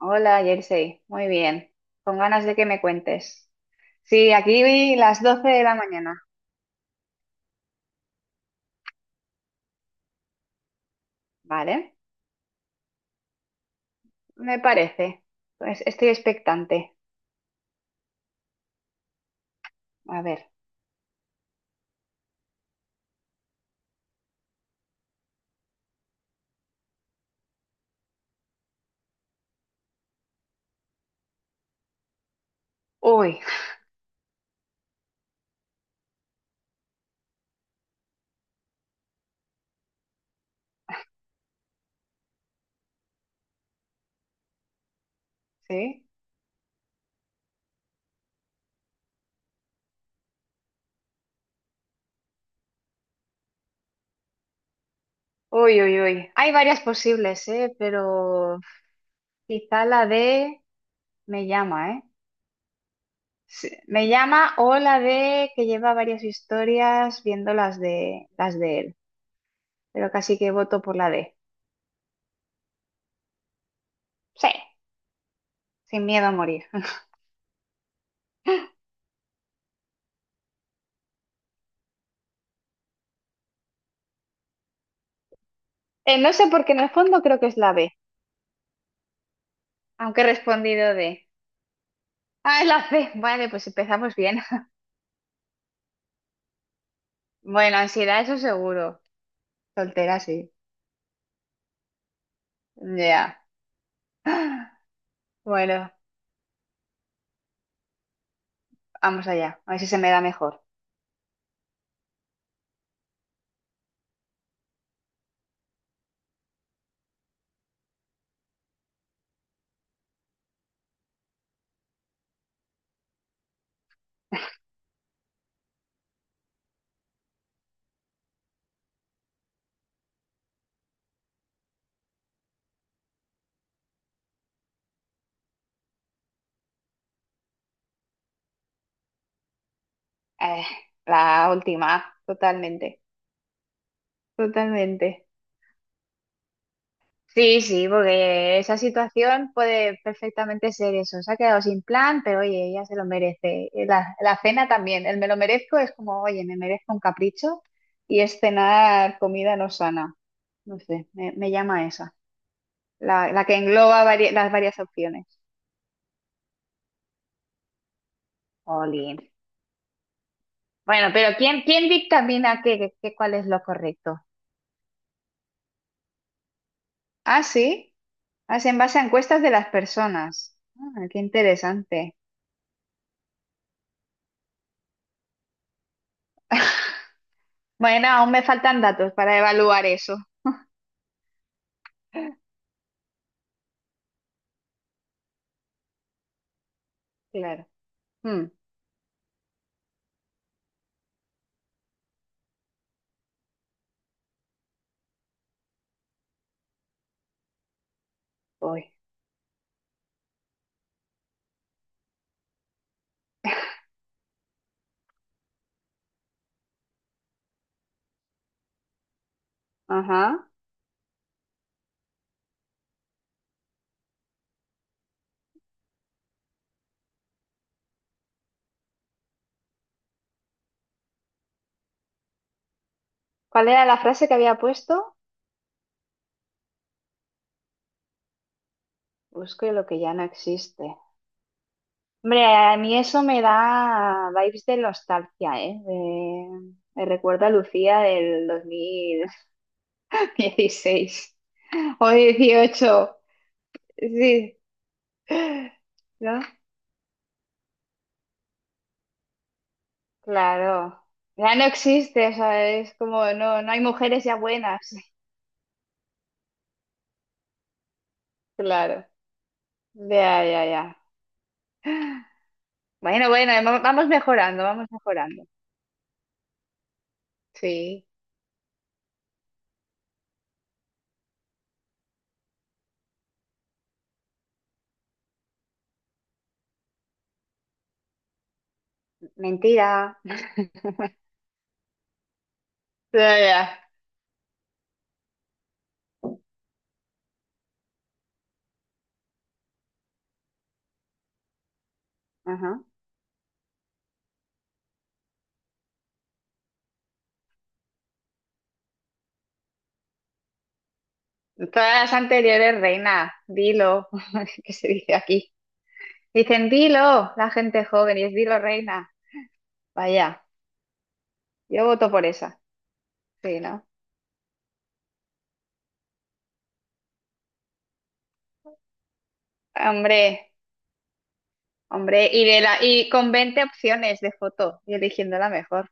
Hola, Jersey. Muy bien. Con ganas de que me cuentes. Sí, aquí vi las 12 de la mañana. Vale, me parece. Pues estoy expectante. A ver. Uy, sí. Uy, uy, uy. Hay varias posibles, ¿eh? Pero quizá la de me llama, ¿eh? Sí, me llama o la de que lleva varias historias viendo las de él. Pero casi que voto por la D. Sí, sin miedo a morir. No sé porque en el fondo creo que es la B. Aunque he respondido de, ah, es la C. Vale, pues empezamos bien. Bueno, ansiedad, eso seguro. Soltera, sí. Ya. Bueno, vamos allá. A ver si se me da mejor. Eh, la última, totalmente. Totalmente. Sí, sí, porque esa situación puede perfectamente ser eso. Se ha quedado sin plan, pero oye, ella se lo merece. La cena también. El me lo merezco es como, oye, me merezco un capricho y es cenar comida no sana. No sé, me llama esa. La que engloba las varias opciones. Olin. Bueno, pero ¿quién dictamina cuál es lo correcto? Ah, sí. Ah, es en base a encuestas de las personas. Ah, qué interesante. Bueno, aún me faltan datos para evaluar eso. Claro. Hmm, Voy. Ajá. ¿Cuál era la frase que había puesto? Busco lo que ya no existe. Hombre, a mí eso me da vibes de nostalgia, ¿eh? Me recuerda a Lucía del 2016. O dieciocho. Sí. ¿No? Claro. Ya no existe, o sea, es como no, no hay mujeres ya buenas. Claro. Ya, ya, ya. Bueno, bueno, vamos mejorando, vamos mejorando. Sí. Mentira. Ya, ya. Ajá. Todas las anteriores, reina, dilo, que se dice aquí. Dicen dilo, la gente joven, y es dilo, reina. Vaya, yo voto por esa. Sí, ¿no? Hombre. Hombre, y con 20 opciones de foto y eligiendo la mejor,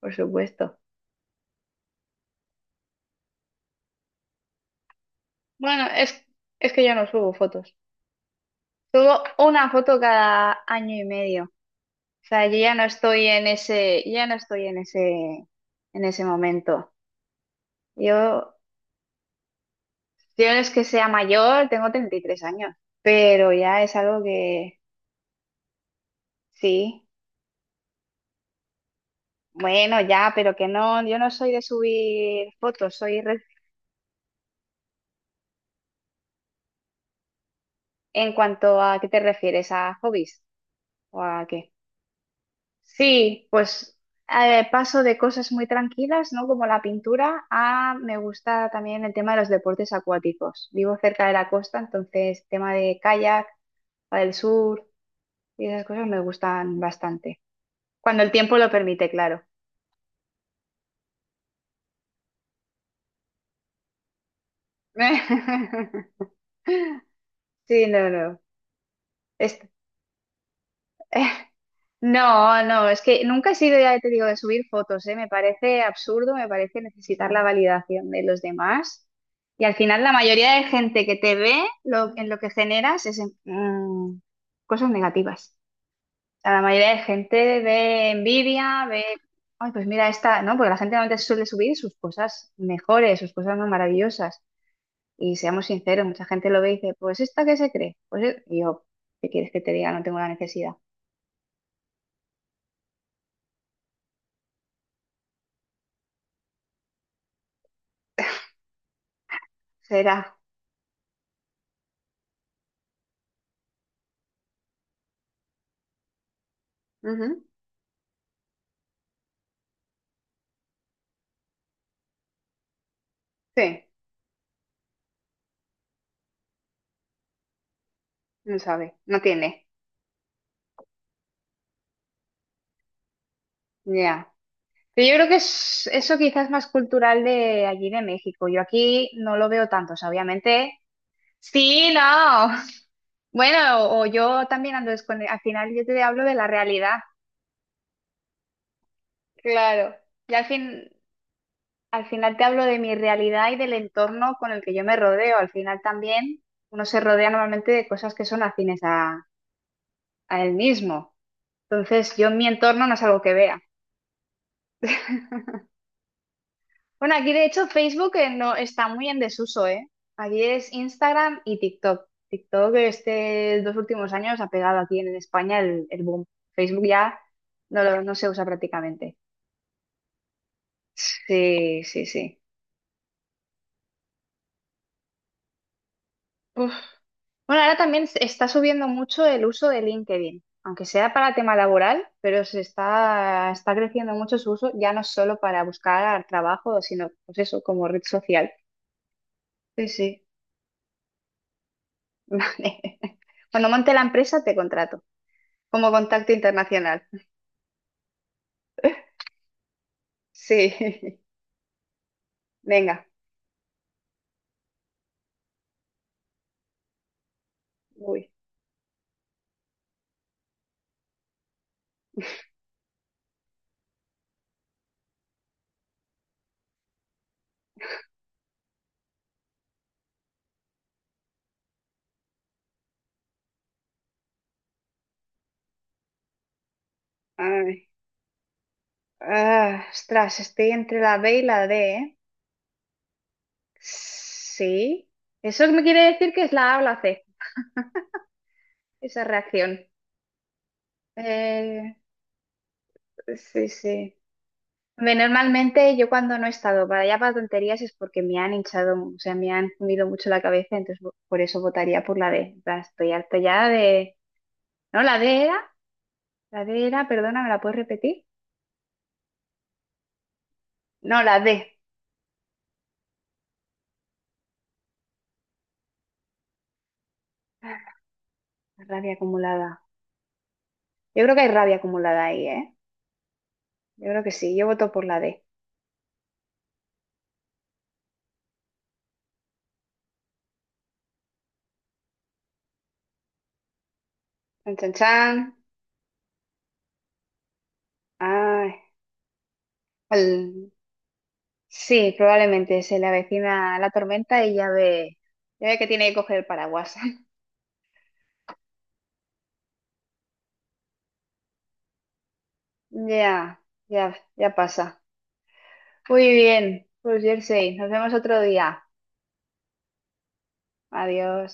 por supuesto. Bueno, es que yo no subo fotos. Subo una foto cada año y medio. O sea, yo ya no estoy en ese, ya no estoy en ese momento. Yo, yo no es que sea mayor, tengo 33 años, pero ya es algo que sí. Bueno, ya, pero que no, yo no soy de subir fotos, en cuanto a qué te refieres, ¿a hobbies o a qué? Sí, pues paso de cosas muy tranquilas, ¿no? Como la pintura, a me gusta también el tema de los deportes acuáticos. Vivo cerca de la costa, entonces tema de kayak, del sur y esas cosas me gustan bastante. Cuando el tiempo lo permite, claro. Sí, no, no. Es- No, no, es que nunca he sido, ya te digo, de subir fotos, ¿eh? Me parece absurdo, me parece necesitar la validación de los demás. Y al final la mayoría de gente que te ve, en lo que generas es cosas negativas. O sea, la mayoría de gente ve envidia, ve, ay, pues mira esta, ¿no? Porque la gente normalmente suele subir sus cosas mejores, sus cosas más maravillosas. Y seamos sinceros, mucha gente lo ve y dice, pues esta que se cree. Pues e-". Y yo, ¿qué quieres que te diga? No tengo la necesidad. Será. Ujú. Sí, no sabe, no tiene. Ya. Pero yo creo que es, eso quizás es más cultural de allí de México. Yo aquí no lo veo tanto, o sea, obviamente. Sí, no. Bueno, o yo también ando descone- Al final yo te hablo de la realidad. Claro. Y al fin, Al final te hablo de mi realidad y del entorno con el que yo me rodeo. Al final también uno se rodea normalmente de cosas que son afines a él mismo. Entonces, yo en mi entorno no es algo que vea. Bueno, aquí de hecho Facebook no está muy en desuso, ¿eh? Aquí es Instagram y TikTok. TikTok este 2 últimos años ha pegado aquí en España el boom. Facebook ya no, no se usa prácticamente. Sí, sí, sí. Uf. Bueno, ahora también se está subiendo mucho el uso de LinkedIn, aunque sea para tema laboral, pero se está, está creciendo mucho su uso, ya no solo para buscar trabajo, sino pues eso, como red social. Sí, sí. Vale. Cuando monte la empresa, te contrato. Como contacto internacional. Sí, venga. Uy. Ay. Ah, ostras, estoy entre la B y la D, ¿eh? Sí. Eso me quiere decir que es la A o la C, esa reacción. Eh, sí, sí. Hombre, normalmente yo cuando no he estado para allá para tonterías es porque me han hinchado, o sea, me han comido mucho la cabeza, entonces por eso votaría por la D. En plan, estoy harta ya de... No, la D era, perdona, ¿me la puedes repetir? No, la D. La rabia acumulada. Yo creo que hay rabia acumulada ahí, ¿eh? Yo creo que sí. Yo voto por la D. Chan, chan, chan. Ay, el- sí, probablemente se le avecina la tormenta y ya ve que tiene que coger el paraguas. Ya, ya, ya pasa. Muy bien, pues Jersey, nos vemos otro día. Adiós.